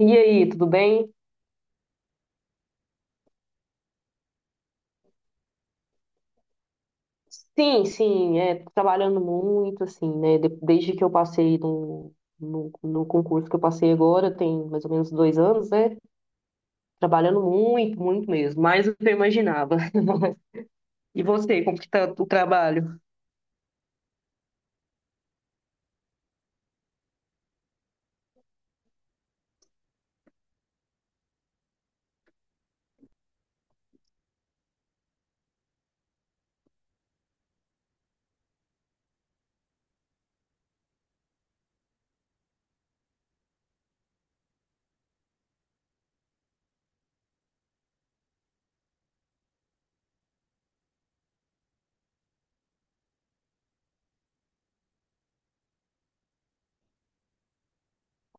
E aí, tudo bem? Sim, sim, é, tô trabalhando muito, assim, né? Desde que eu passei no concurso que eu passei agora, tem mais ou menos 2 anos, né? Trabalhando muito, muito mesmo, mais do que eu imaginava. E você, como que tá o trabalho?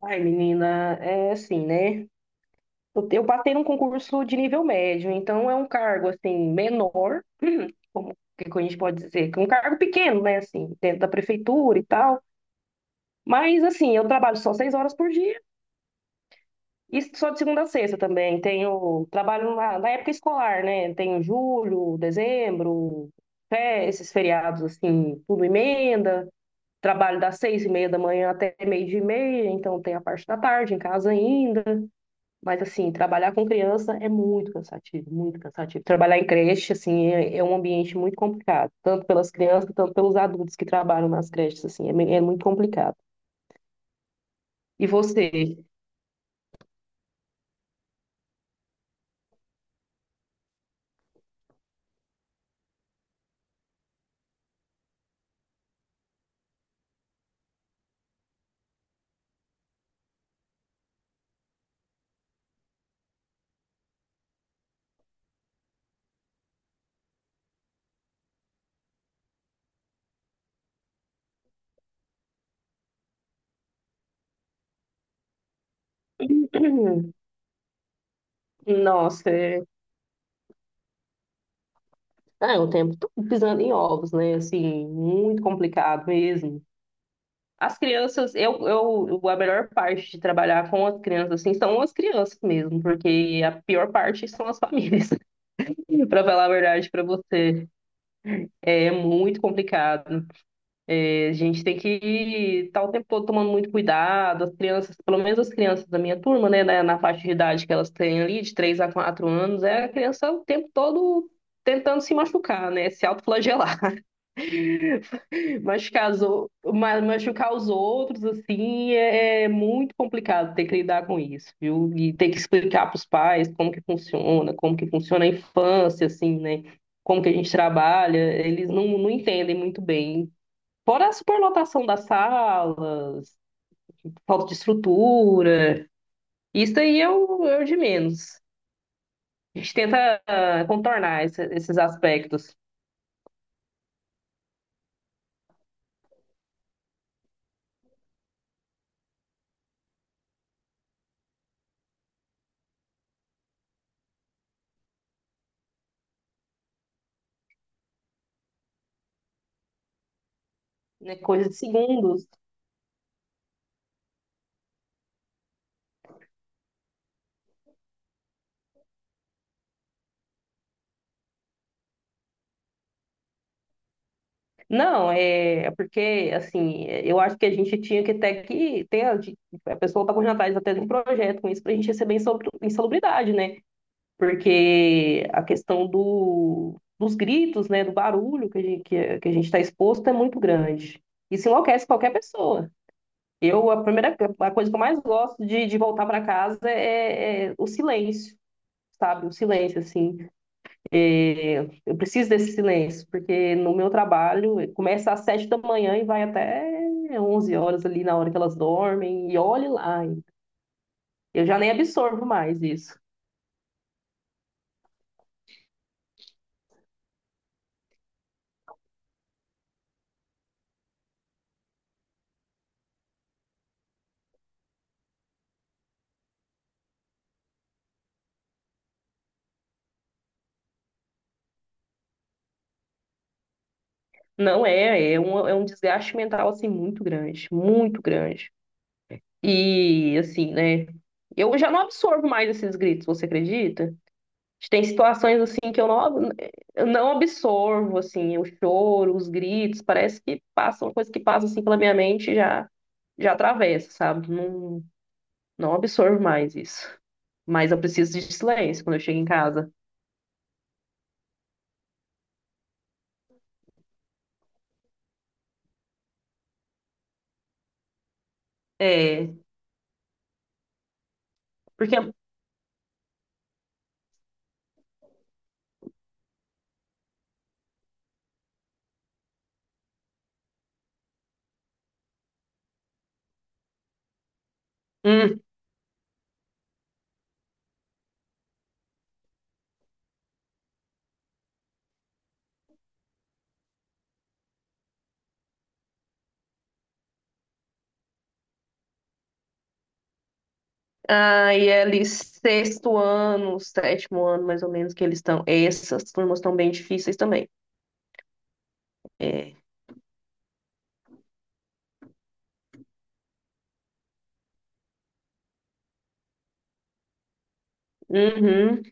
Ai, menina, é assim, né? Eu passei num concurso de nível médio, então é um cargo, assim, menor, como que a gente pode dizer, que é um cargo pequeno, né? Assim, dentro da prefeitura e tal. Mas, assim, eu trabalho só 6 horas por dia. Isso só de segunda a sexta também. Tenho trabalho na época escolar, né? Tenho julho, dezembro, fé, esses feriados assim, tudo emenda. Trabalho das 6h30 da manhã até meio-dia e meia, então tem a parte da tarde em casa ainda. Mas assim, trabalhar com criança é muito cansativo, muito cansativo. Trabalhar em creche, assim, é um ambiente muito complicado, tanto pelas crianças, tanto pelos adultos que trabalham nas creches, assim, é muito complicado. E você? Nossa, ah, é um tempo todo pisando em ovos, né? Assim, muito complicado mesmo. As crianças, a melhor parte de trabalhar com as crianças, assim, são as crianças mesmo, porque a pior parte são as famílias. Para falar a verdade para você. É muito complicado. É, a gente tem que estar o tempo todo tomando muito cuidado. As crianças, pelo menos as crianças da minha turma, né, na faixa de idade que elas têm ali, de 3 a 4 anos, é a criança o tempo todo tentando se machucar, né? Se autoflagelar. Machucar, machucar os outros, assim, é muito complicado ter que lidar com isso, viu? E ter que explicar para os pais como que funciona a infância, assim, né? Como que a gente trabalha, eles não entendem muito bem. Fora a superlotação das salas, falta de estrutura, isso aí é o de menos. A gente tenta contornar esses aspectos, né? Coisa de segundos. Não, é porque, assim, eu acho que a gente tinha que até que ter, a pessoa está correndo atrás até de um projeto com isso para a gente receber insalubridade, né? Porque a questão dos gritos, né, do barulho que a gente está exposto é muito grande. Isso enlouquece qualquer pessoa. A coisa que eu mais gosto de voltar para casa é o silêncio, sabe? O silêncio, assim. É, eu preciso desse silêncio, porque no meu trabalho começa às 7 da manhã e vai até 11 horas ali na hora que elas dormem, e olhe lá. Eu já nem absorvo mais isso. Não, é um desgaste mental assim muito grande, muito grande. E assim, né? Eu já não absorvo mais esses gritos, você acredita? Tem situações assim que eu não absorvo, assim, o choro, os gritos, parece que passa uma coisa que passa assim pela minha mente e já já atravessa, sabe? Não, não absorvo mais isso. Mas eu preciso de silêncio quando eu chego em casa. É, porque hum, aí é ali sexto ano, sétimo ano, mais ou menos, que eles estão. Essas turmas estão bem difíceis também. É. Uhum.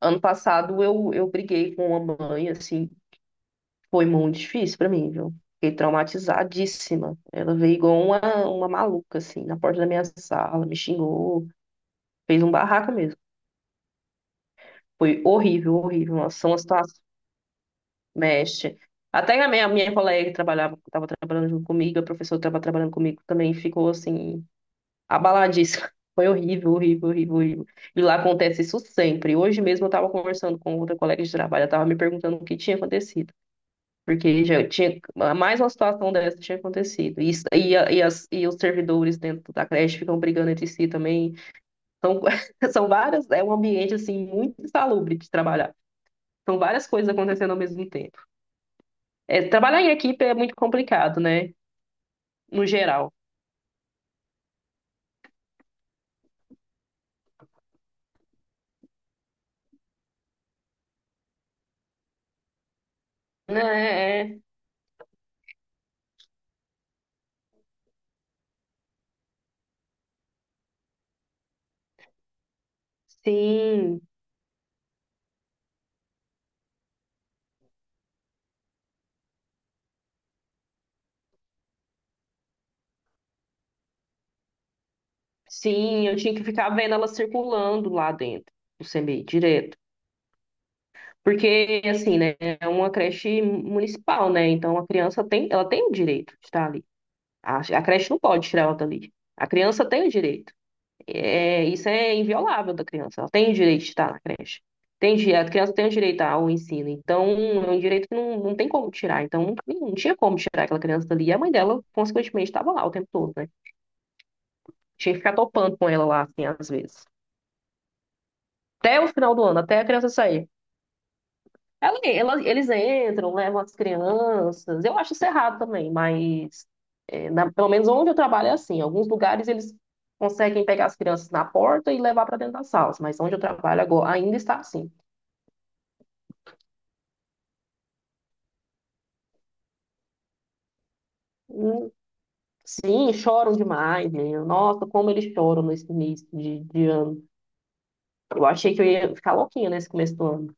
Ano passado eu briguei com uma mãe, assim. Foi muito difícil pra mim, viu? Fiquei traumatizadíssima. Ela veio igual uma maluca, assim, na porta da minha sala, me xingou, fez um barraco mesmo. Foi horrível, horrível. Nossa, são as situações situação mexe. Até a minha colega que trabalhava, estava trabalhando junto comigo, a professora que estava trabalhando comigo também ficou, assim, abaladíssima. Foi horrível, horrível, horrível, horrível. E lá acontece isso sempre. Hoje mesmo eu estava conversando com outra colega de trabalho, ela estava me perguntando o que tinha acontecido. Porque já tinha mais uma situação dessa tinha acontecido. E, os servidores dentro da creche ficam brigando entre si também. São, são várias, é um ambiente assim muito insalubre de trabalhar. São várias coisas acontecendo ao mesmo tempo. É, trabalhar em equipe é muito complicado, né? No geral. É. Sim, sim, eu tinha que ficar vendo ela circulando lá dentro do CMEI, direto. Porque, assim, né, é uma creche municipal, né? Então a criança tem, ela tem o direito de estar ali. A creche não pode tirar ela dali. A criança tem o direito. É, isso é inviolável da criança. Ela tem o direito de estar na creche. A criança tem o direito ao ensino. Então, é um direito que não tem como tirar. Então, não, não tinha como tirar aquela criança dali. E a mãe dela, consequentemente, estava lá o tempo todo, né? Tinha que ficar topando com ela lá, assim, às vezes. Até o final do ano, até a criança sair. Eles entram, levam as crianças. Eu acho isso errado também, mas pelo menos onde eu trabalho é assim. Em alguns lugares eles conseguem pegar as crianças na porta e levar para dentro das salas, mas onde eu trabalho agora ainda está assim. Hum, Sim, choram demais, menino. Nossa, como eles choram nesse início de ano. Eu achei que eu ia ficar louquinha nesse começo do ano.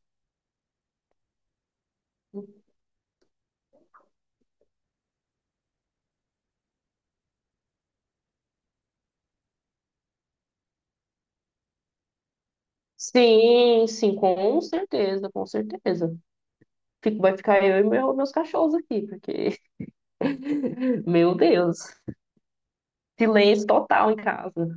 Sim, sim, com certeza, com certeza. Vai ficar eu e meus cachorros aqui, porque, meu Deus. Silêncio total em casa.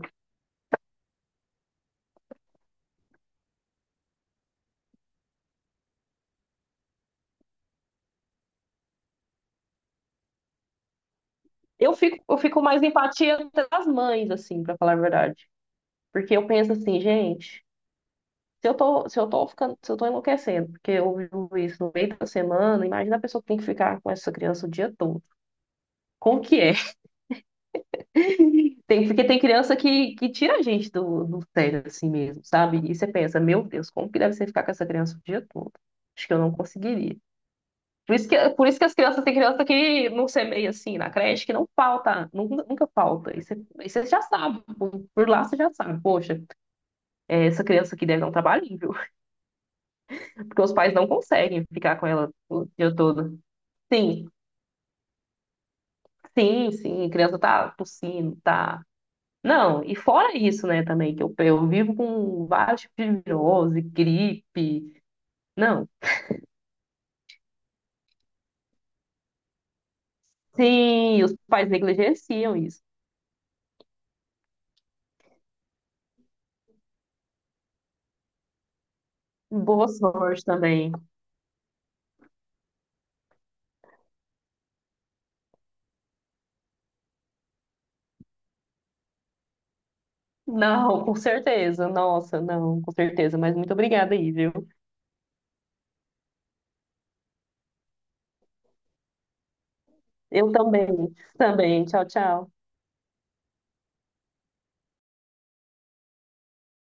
Eu fico mais empatia das mães, assim, pra falar a verdade. Porque eu penso assim, gente, se eu tô enlouquecendo, porque eu vivo isso no meio da semana, imagina a pessoa que tem que ficar com essa criança o dia todo. Como que é? Tem, porque tem criança que tira a gente do sério, assim mesmo, sabe? E você pensa, meu Deus, como que deve ser ficar com essa criança o dia todo? Acho que eu não conseguiria. Por isso que as crianças, tem criança que não semeia assim na creche, que não falta, nunca, nunca falta. E você já sabe, por lá você já sabe, poxa, essa criança aqui deve dar um trabalhinho, viu? Porque os pais não conseguem ficar com ela o dia todo. Sim, sim, sim, a criança tá tossindo, tá. Não, e fora isso, né, também, que eu vivo com vários tipos de virose, gripe. Não, sim, os pais negligenciam isso. Boa sorte também. Não, com certeza. Nossa, não, com certeza. Mas muito obrigada aí, viu? Eu também. Também. Tchau, tchau.